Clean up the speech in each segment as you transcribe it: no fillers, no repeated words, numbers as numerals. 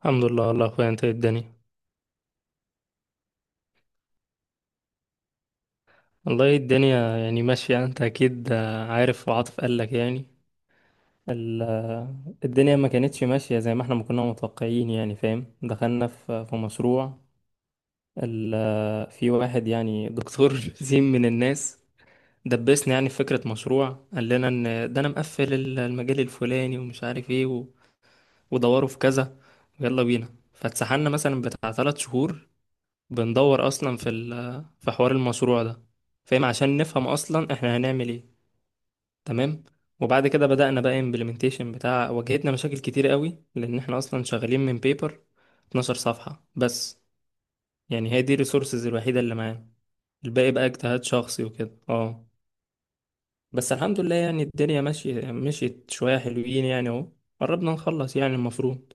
الحمد لله والله يا اخويا انت إيه الدنيا. والله الدنيا يعني ماشية، انت اكيد عارف، وعاطف قال لك يعني. الدنيا ما كانتش ماشية زي ما احنا ما كنا متوقعين، يعني فاهم، دخلنا في مشروع. في واحد يعني دكتور زين من الناس، دبسنا يعني في فكرة مشروع. قال لنا ان ده انا مقفل المجال الفلاني ومش عارف ايه ودوروا في كذا ويلا بينا. فاتسحلنا مثلا بتاع 3 شهور بندور اصلا في حوار المشروع ده، فاهم، عشان نفهم اصلا احنا هنعمل ايه. تمام. وبعد كده بدأنا بقى امبلمنتيشن بتاع، واجهتنا مشاكل كتير قوي لان احنا اصلا شغالين من بيبر 12 صفحة بس، يعني هي دي الريسورسز الوحيدة اللي معانا. الباقي بقى اجتهاد شخصي وكده. اه بس الحمد لله يعني الدنيا ماشية، مشيت شوية حلوين يعني اهو. قربنا نخلص يعني المفروض.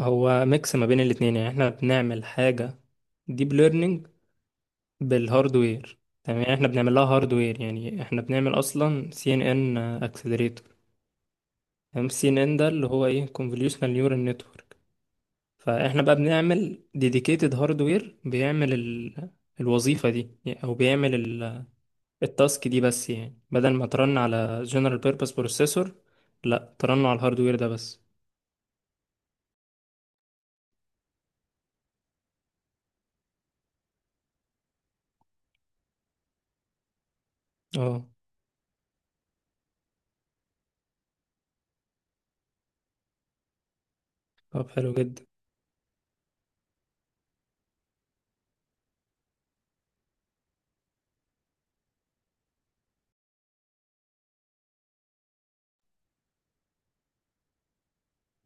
هو ميكس ما بين الاتنين، يعني احنا بنعمل حاجة ديب learning بالهاردوير. تمام، يعني احنا بنعمل لها هاردوير، يعني احنا بنعمل اصلا سي ان ان اكسلريتور. تمام، السي ان ان ده اللي هو ايه convolutional neural network. فاحنا بقى بنعمل ديديكيتد هاردوير بيعمل ال... الوظيفة دي، يعني او بيعمل ال... التاسك دي بس، يعني بدل ما ترن على general purpose processor، لا ترن على الهاردوير ده بس. اه. طب حلو جدا.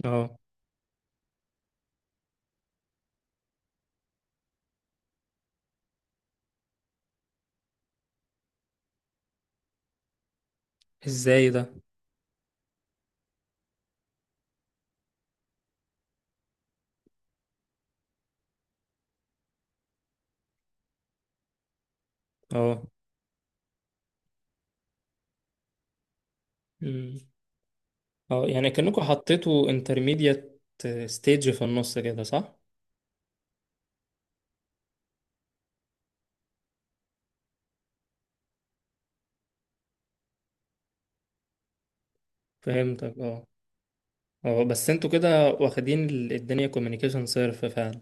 اه. ازاي ده؟ اه اه، يعني كأنكم حطيتوا انترميديت ستيج في النص كده صح؟ فهمتك اه. اه بس انتوا كده واخدين الدنيا كوميونيكيشن صرف فعلا.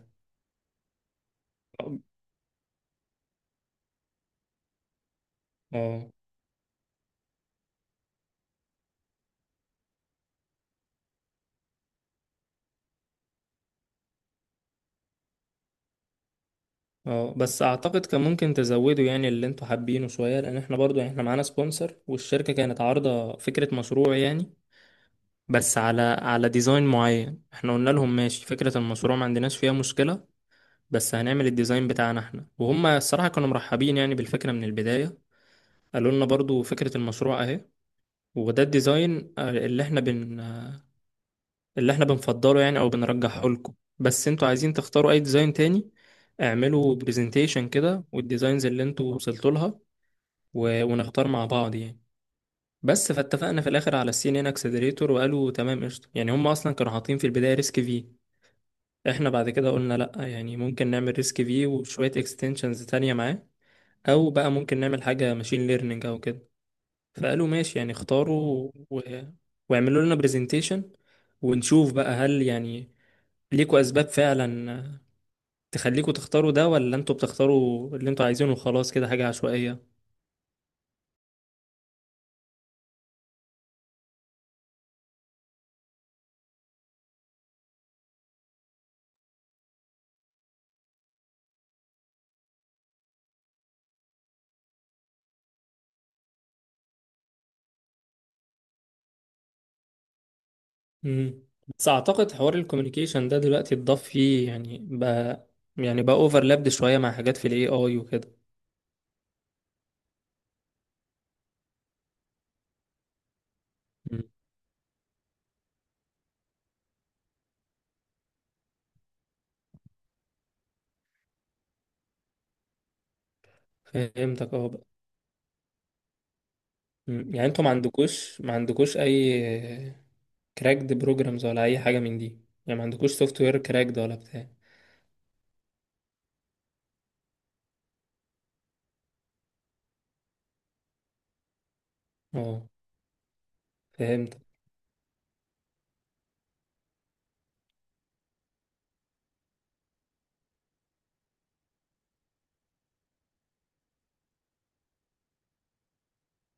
اه. اه بس اعتقد كان ممكن تزودوا يعني اللي انتوا حابينه شوية، لان احنا برضو يعني احنا معانا سبونسر والشركة كانت عارضة فكرة مشروع يعني. بس على ديزاين معين. احنا قلنا لهم ماشي، فكرة المشروع ما عندناش فيها مشكلة، بس هنعمل الديزاين بتاعنا احنا. وهم الصراحة كانوا مرحبين يعني بالفكرة من البداية. قالوا لنا برضو فكرة المشروع اهي، وده الديزاين اللي احنا بن آه، اللي احنا بنفضله يعني او بنرجحه لكم، بس انتوا عايزين تختاروا اي ديزاين تاني اعملوا برزنتيشن كده والديزاينز اللي انتوا وصلتوا لها، و... ونختار مع بعض يعني. بس فاتفقنا في الاخر على السي ان ان اكسلريتور، وقالوا تمام قشطه. يعني هم اصلا كانوا حاطين في البدايه ريسك في، احنا بعد كده قلنا لا، يعني ممكن نعمل ريسك في وشويه اكستنشنز تانية معاه، او بقى ممكن نعمل حاجه ماشين ليرنينج او كده. فقالوا ماشي، يعني اختاروا و... واعملوا لنا برزنتيشن ونشوف بقى، هل يعني ليكوا اسباب فعلا تخليكوا تختاروا ده، ولا انتوا بتختاروا اللي انتوا عايزينه وخلاص كده حاجة عشوائية. امم. بس اعتقد حوار الكوميونيكيشن ده دلوقتي اتضاف فيه يعني بقى، يعني بقى اوفرلابد شوية مع حاجات في الاي اي وكده. مم. فهمتك اه بقى. مم. يعني انتوا ما عندكوش اي كراكد بروجرامز ولا اي حاجة من دي، يعني ما عندكوش سوفت وير كراكد ولا بتاع؟ اه فهمت.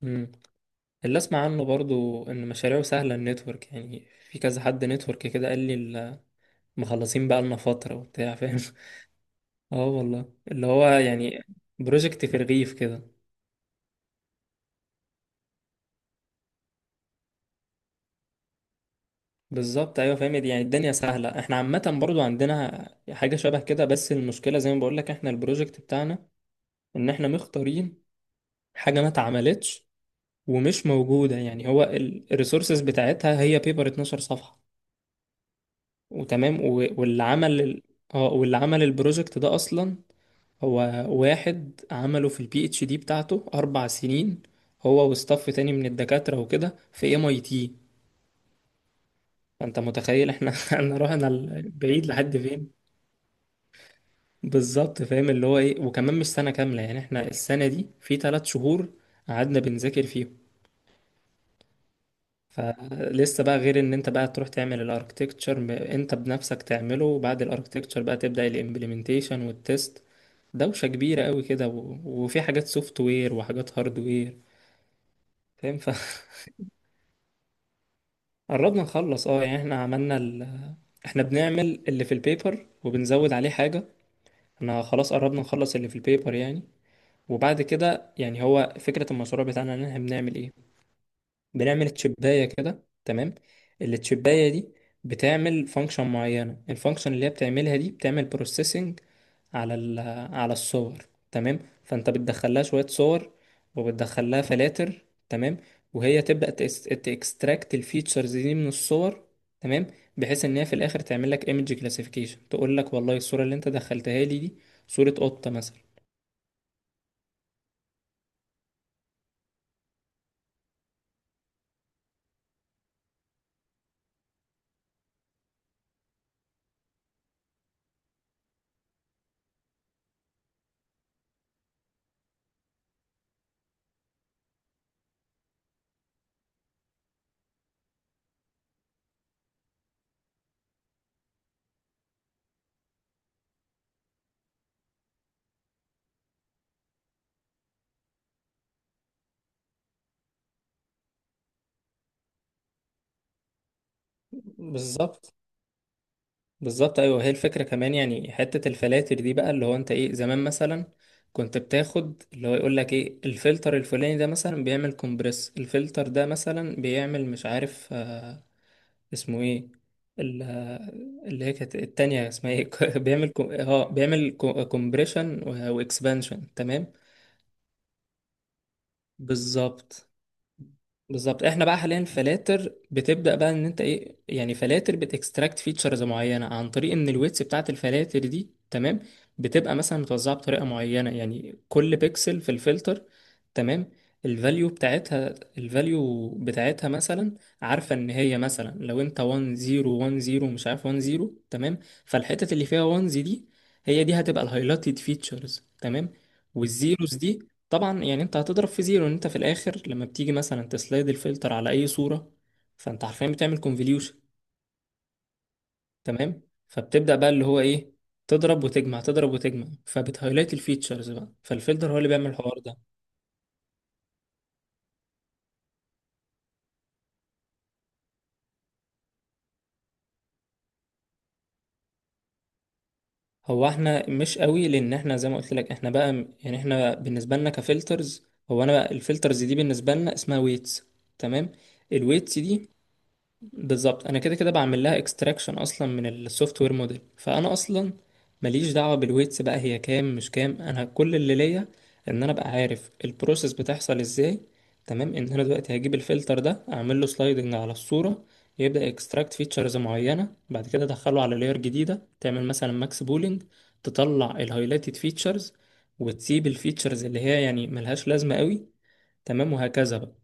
مم. اللي اسمع عنه برضو ان مشاريعه سهله، النتورك يعني، في كذا حد نتورك كده قال لي مخلصين بقى لنا فتره وبتاع فاهم. اه والله اللي هو يعني بروجكت في الرغيف كده. بالظبط ايوه، فاهم يعني الدنيا سهله. احنا عامه برضو عندنا حاجه شبه كده، بس المشكله زي ما بقول لك، احنا البروجكت بتاعنا ان احنا مختارين حاجه ما اتعملتش ومش موجوده، يعني هو الريسورسز بتاعتها هي بيبر 12 صفحه. وتمام، واللي عمل ال- اه واللي عمل البروجكت ده اصلا هو واحد عمله في الPhD بتاعته 4 سنين، هو وستاف تاني من الدكاترة وكده في MIT. فأنت متخيل احنا احنا بعيد لحد فين. بالظبط فاهم اللي هو ايه. وكمان مش سنة كاملة يعني، احنا السنة دي في 3 شهور قعدنا بنذاكر فيهم. فلسه بقى، غير ان انت بقى تروح تعمل الاركتكتشر انت بنفسك تعمله، وبعد الاركتكتشر بقى تبدأ الامبلمنتيشن والتست. دوشة كبيرة قوي كده، وفي حاجات سوفت وير وحاجات هارد وير، فاهم. ف قربنا نخلص اه. يعني احنا عملنا ال... اه، احنا بنعمل اللي في البيبر وبنزود عليه حاجة. احنا خلاص قربنا نخلص اللي في البيبر يعني. وبعد كده يعني، هو فكرة المشروع بتاعنا ان احنا بنعمل ايه؟ بنعمل تشباية كده تمام. التشباية دي بتعمل فانكشن معينة. الفانكشن اللي هي بتعملها دي بتعمل بروسيسنج على ال على الصور. تمام، فانت بتدخلها شوية صور وبتدخلها فلاتر. تمام، وهي تبدأ تكستراكت الفيتشرز دي من الصور. تمام، بحيث ان هي في الاخر تعمل لك ايمج كلاسيفيكيشن، تقول لك والله الصورة اللي انت دخلتها لي دي صورة قطة مثلا. بالظبط. بالظبط ايوه، هي الفكره كمان، يعني حته الفلاتر دي بقى، اللي هو انت ايه زمان مثلا كنت بتاخد اللي هو يقول لك ايه، الفلتر الفلاني ده مثلا بيعمل كومبريس، الفلتر ده مثلا بيعمل مش عارف اسمه ايه، ال- آه، اللي هي كانت التانية اسمها ايه. بيعمل كو- اه بيعمل كومبريشن واكسبانشن تمام. بالظبط. بالظبط، احنا بقى حاليا فلاتر، بتبدا بقى ان انت ايه يعني، فلاتر بتكستراكت فيتشرز معينه عن طريق ان الويتس بتاعت الفلاتر دي تمام بتبقى مثلا متوزعه بطريقه معينه، يعني كل بيكسل في الفلتر تمام، الفاليو بتاعتها، الفاليو بتاعتها مثلا عارفه ان هي مثلا، لو انت 1 0 1 0 مش عارف 1 0 تمام، فالحتت اللي فيها 1 دي هي دي هتبقى الهايلايتد فيتشرز تمام. والزيروز دي طبعا يعني انت هتضرب في زيرو، ان انت في الاخر لما بتيجي مثلا تسلايد الفلتر على اي صورة فانت حرفيا بتعمل كونفوليوشن. تمام، فبتبدأ بقى اللي هو ايه، تضرب وتجمع، تضرب وتجمع، فبتهايلايت الفيتشرز بقى. فالفلتر هو اللي بيعمل الحوار ده. هو احنا مش قوي، لان احنا زي ما قلت لك، احنا بقى يعني احنا بالنسبة لنا كفلترز، هو انا بقى الفلترز دي بالنسبة لنا اسمها ويتس. تمام. الويتس دي بالظبط انا كده كده بعمل لها اكستراكشن اصلا من السوفت وير موديل، فانا اصلا ماليش دعوه بالويتس بقى هي كام مش كام، انا كل اللي ليا ان انا ابقى عارف البروسيس بتحصل ازاي. تمام، ان انا دلوقتي هجيب الفلتر ده اعمل له سلايدنج على الصوره، يبدا اكستراكت فيتشرز معينه، بعد كده ادخله على لاير جديده تعمل مثلا ماكس بولينج تطلع الهايلايتد فيتشرز وتسيب الفيتشرز اللي هي يعني ملهاش لازمه قوي. تمام، وهكذا بقى.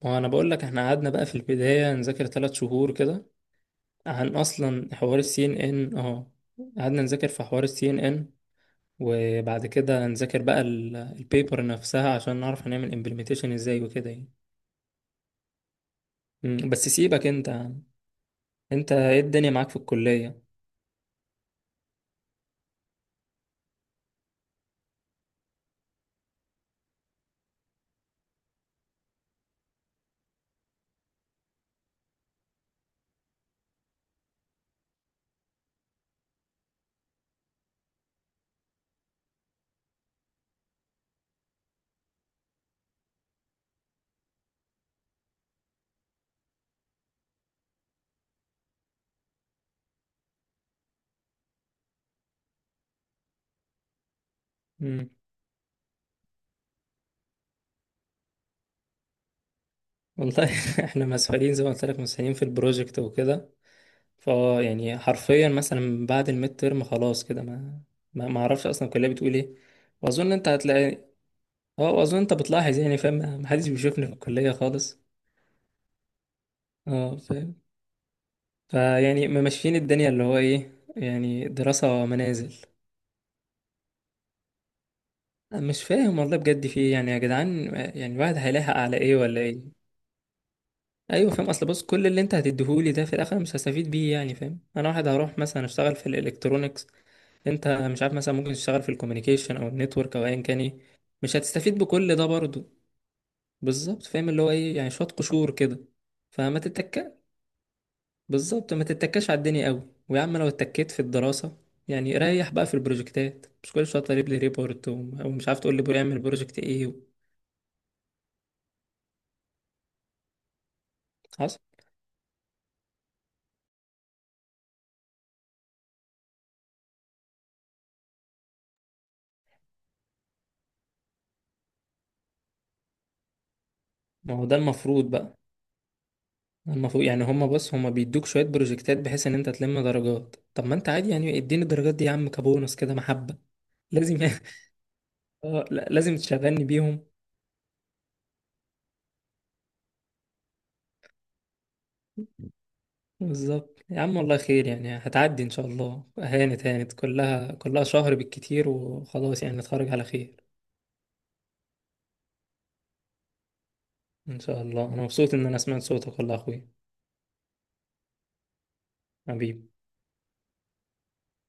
وانا بقول لك، احنا قعدنا بقى في البدايه نذاكر 3 شهور كده عن اصلا حوار السي ان ان. اه، قعدنا نذاكر في حوار السي ان ان، وبعد كده نذاكر بقى البيبر نفسها عشان نعرف هنعمل امبلمنتيشن ازاي وكده يعني. مم، بس سيبك انت يا عم. انت ايه الدنيا معاك في الكلية؟ مم. والله احنا مسحولين زي ما قلت لك، مسحولين في البروجكت وكده. فا يعني حرفيا مثلا بعد الميد ترم خلاص كده، ما اعرفش اصلا الكلية بتقول ايه. واظن انت هتلاقي، اه واظن انت بتلاحظ يعني فاهم، محدش بيشوفني في الكلية خالص. اه فاهم. فيعني ممشيين الدنيا اللي هو ايه، يعني دراسة منازل. أنا مش فاهم والله بجد في ايه يعني يا جدعان، يعني الواحد هيلاحق على ايه ولا ايه؟ ايوه فاهم. اصل بص كل اللي انت هتديهولي ده في الاخر مش هستفيد بيه، يعني فاهم انا واحد هروح مثلا اشتغل في الالكترونيكس، انت مش عارف مثلا ممكن تشتغل في الكوميونيكيشن او النتورك او ايا كان ايه. مش هتستفيد بكل ده برضه. بالظبط فاهم اللي هو ايه، يعني شوية قشور كده. فما تتكلم، بالظبط ما تتكاش على الدنيا قوي. ويا عم لو اتكيت في الدراسة يعني ريح بقى في البروجكتات، مش كل شوية طالب لي ريبورت او مش عارف تقول لي بيعمل بروجكت ايه و... حصل. ما هو ده المفروض بقى. المفروض يعني هما، بص هما بيدوك شوية بروجكتات بحيث ان انت تلم درجات، طب ما انت عادي يعني اديني الدرجات دي يا عم كبونص كده محبة. لازم. اه لا لازم تشغلني بيهم. بالظبط يا عم، والله خير يعني، هتعدي ان شاء الله، هانت هانت، كلها كلها شهر بالكتير وخلاص، يعني نتخرج على خير. إن شاء الله. أنا مبسوط إن أنا سمعت صوتك والله يا أخوي. حبيبي.